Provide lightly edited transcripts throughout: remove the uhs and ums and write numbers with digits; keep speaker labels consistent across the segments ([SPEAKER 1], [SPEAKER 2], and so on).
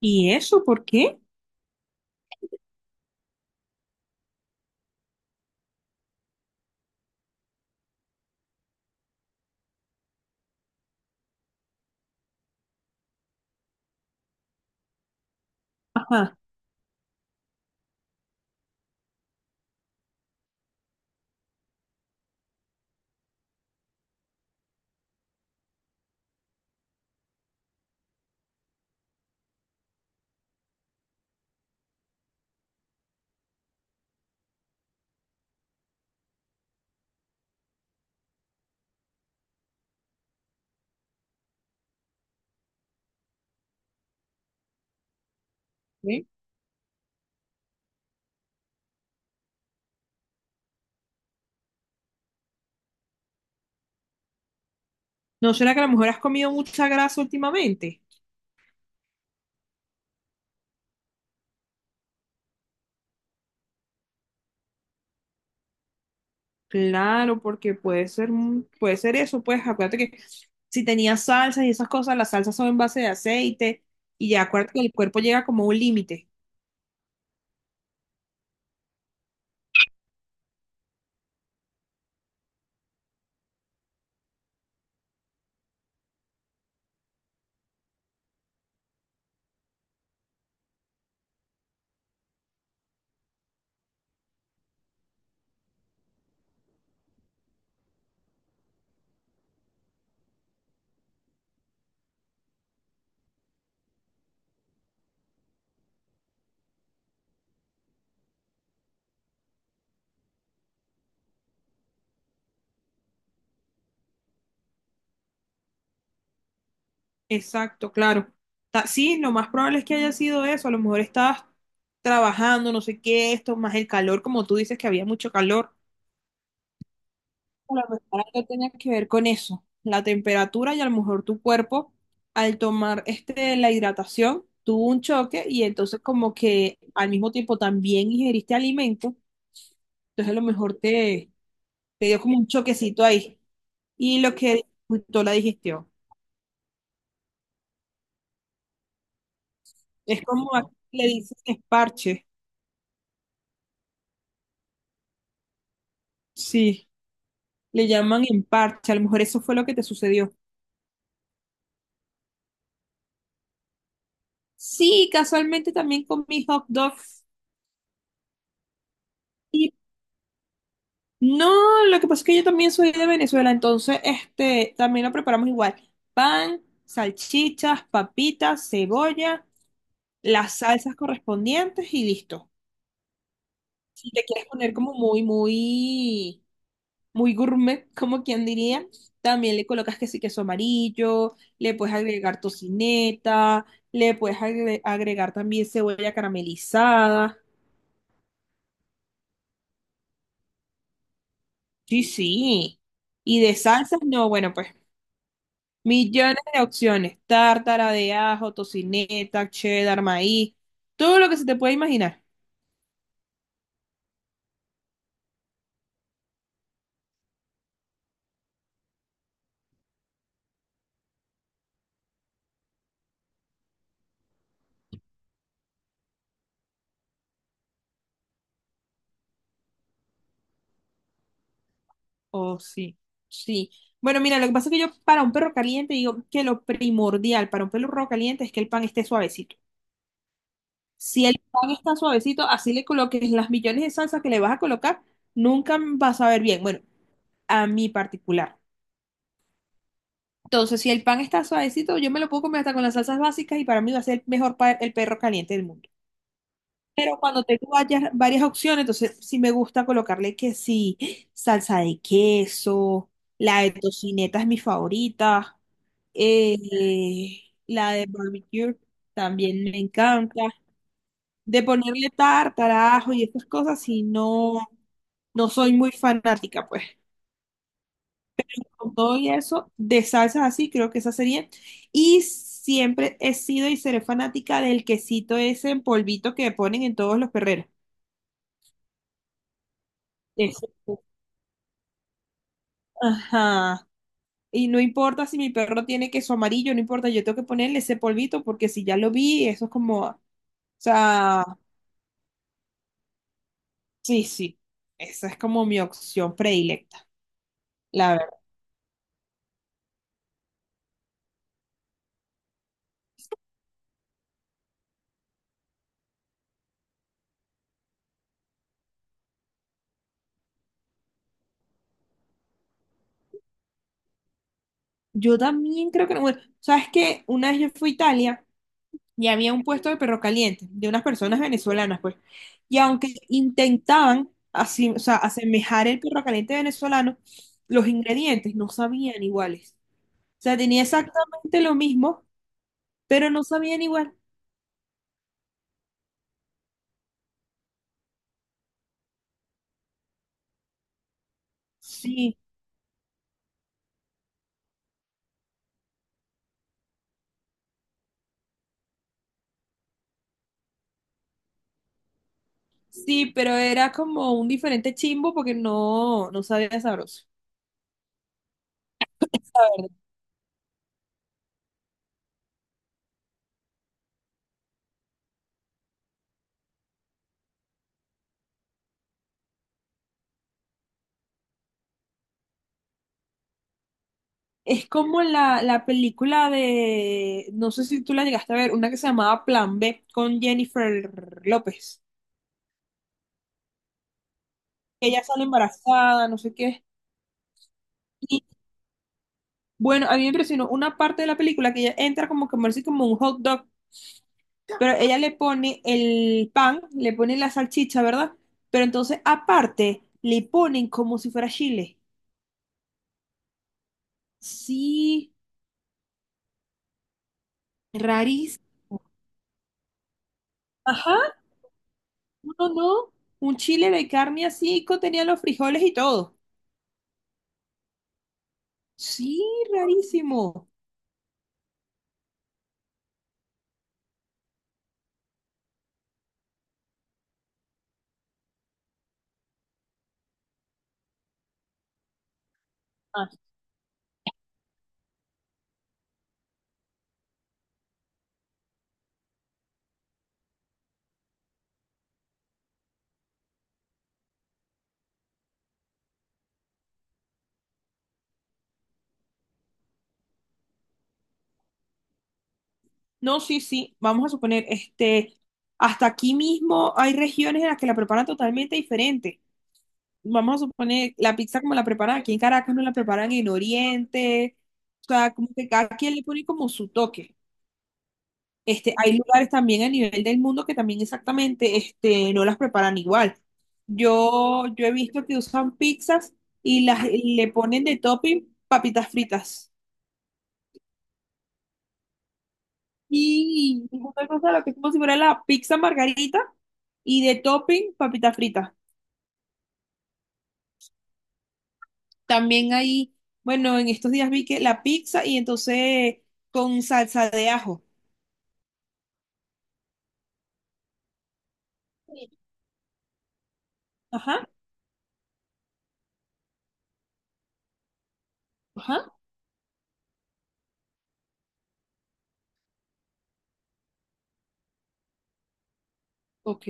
[SPEAKER 1] ¿Y eso por qué? Ajá. ¿Eh? ¿No será que a lo mejor has comido mucha grasa últimamente? Claro, porque puede ser, puede ser eso, pues acuérdate que si tenías salsas y esas cosas, las salsas son en base de aceite y ya acuérdate que el cuerpo llega como a un límite. Exacto, claro. Sí, lo más probable es que haya sido eso. A lo mejor estabas trabajando, no sé qué, esto, más el calor, como tú dices que había mucho calor. A lo mejor algo tenía que ver con eso, la temperatura y a lo mejor tu cuerpo, al tomar este, la hidratación, tuvo un choque y entonces como que al mismo tiempo también ingeriste alimento, entonces a lo mejor te, te dio como un choquecito ahí y lo que dificultó la digestión. Es como aquí le dicen esparche. Sí, le llaman en a lo mejor eso fue lo que te sucedió. Sí, casualmente también comí hot dog. Y no, lo que pasa es que yo también soy de Venezuela, entonces este también lo preparamos igual. Pan, salchichas, papitas, cebolla, las salsas correspondientes y listo. Si te quieres poner como muy, muy muy gourmet, como quien diría. También le colocas que sí queso amarillo, le puedes agregar tocineta, le puedes agregar también cebolla caramelizada. Sí, sí. Y de salsas, no, bueno, pues millones de opciones. Tártara de ajo, tocineta, cheddar, maíz, todo lo que se te puede imaginar. Oh, sí, sí. Bueno, mira, lo que pasa es que yo para un perro caliente digo que lo primordial para un perro caliente es que el pan esté suavecito. Si el pan está suavecito, así le coloques las millones de salsa que le vas a colocar, nunca vas a ver bien. Bueno, a mi particular. Entonces, si el pan está suavecito, yo me lo puedo comer hasta con las salsas básicas y para mí va a ser el mejor el perro caliente del mundo. Pero cuando tengo varias, varias opciones, entonces sí me gusta colocarle que sí, salsa de queso, la de tocineta es mi favorita, eh, la de barbecue también me encanta. De ponerle tartarajo y estas cosas, si no, no soy muy fanática, pues. Con todo y eso, de salsas así, creo que esa sería. Y siempre he sido y seré fanática del quesito ese en polvito que ponen en todos los perreros. Ese. Ajá. Y no importa si mi perro tiene queso amarillo, no importa, yo tengo que ponerle ese polvito porque si ya lo vi, eso es como, o sea, sí, sí, esa es como mi opción predilecta. La verdad yo también creo que no. Bueno, sabes que una vez yo fui a Italia y había un puesto de perro caliente de unas personas venezolanas, pues. Y aunque intentaban así, o sea, asemejar el perro caliente venezolano, los ingredientes no sabían iguales. O sea, tenía exactamente lo mismo, pero no sabían igual. Sí, sí, pero era como un diferente chimbo porque no, no sabía sabroso. Es como la película de, no sé si tú la llegaste a ver, una que se llamaba Plan B con Jennifer López. Ella sale embarazada, no sé qué. Y bueno, a mí me impresionó una parte de la película que ella entra como a comerse como un hot dog, pero ella le pone el pan, le pone la salchicha, ¿verdad? Pero entonces aparte le ponen como si fuera chile. Sí, rarísimo. Ajá, no, no, no. Un chile de carne así, contenía los frijoles y todo. Sí, rarísimo. Ah, no, sí, sí. Vamos a suponer, este, hasta aquí mismo hay regiones en las que la preparan totalmente diferente. Vamos a suponer, la pizza como la preparan aquí en Caracas, no la preparan en Oriente. O sea, como que cada quien le pone como su toque. Este, hay lugares también a nivel del mundo que también exactamente, este, no las preparan igual. Yo he visto que usan pizzas y las y le ponen de topping papitas fritas. Sí, y una cosa lo que es como si fuera la pizza margarita y de topping papita frita. También hay, bueno, en estos días vi que la pizza y entonces con salsa de ajo. Sí. Ajá, ajá, ok,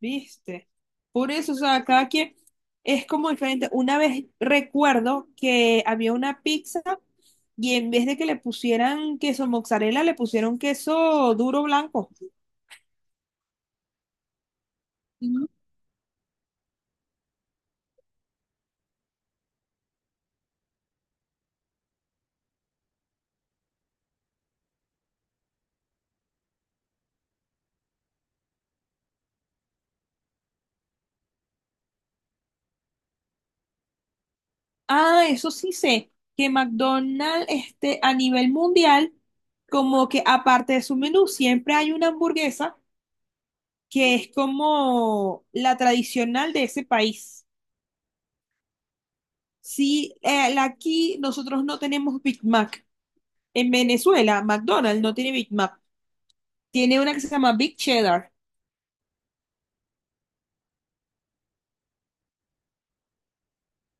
[SPEAKER 1] viste. Por eso, o sea, cada quien es como diferente. Una vez recuerdo que había una pizza y en vez de que le pusieran queso mozzarella, le pusieron queso duro blanco. Ah, eso sí sé, que McDonald's este, a nivel mundial, como que aparte de su menú, siempre hay una hamburguesa que es como la tradicional de ese país. Sí, aquí nosotros no tenemos Big Mac. En Venezuela, McDonald's no tiene Big Mac. Tiene una que se llama Big Cheddar.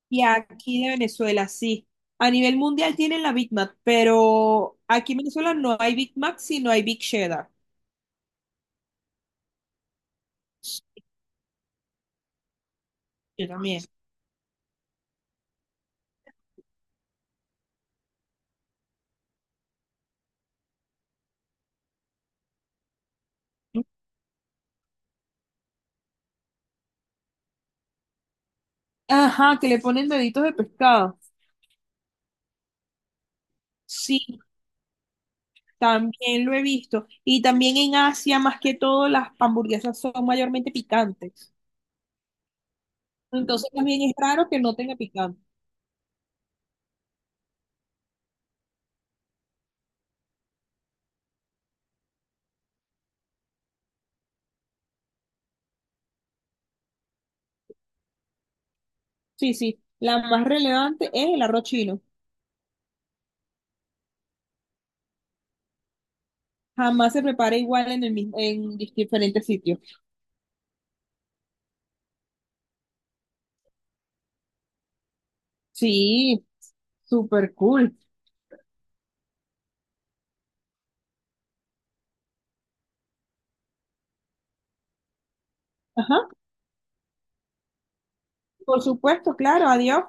[SPEAKER 1] Y aquí de Venezuela, sí. A nivel mundial tienen la Big Mac, pero aquí en Venezuela no hay Big Mac, sino hay Big Cheddar. Yo también. Ajá, que le ponen deditos de pescado. Sí, también lo he visto. Y también en Asia, más que todo, las hamburguesas son mayormente picantes. Entonces también es raro que no tenga picante. Sí, sí. La más relevante es el arroz chino. Jamás se prepara igual en el mismo, en diferentes sitios. Sí, súper cool. Ajá, por supuesto, claro, adiós.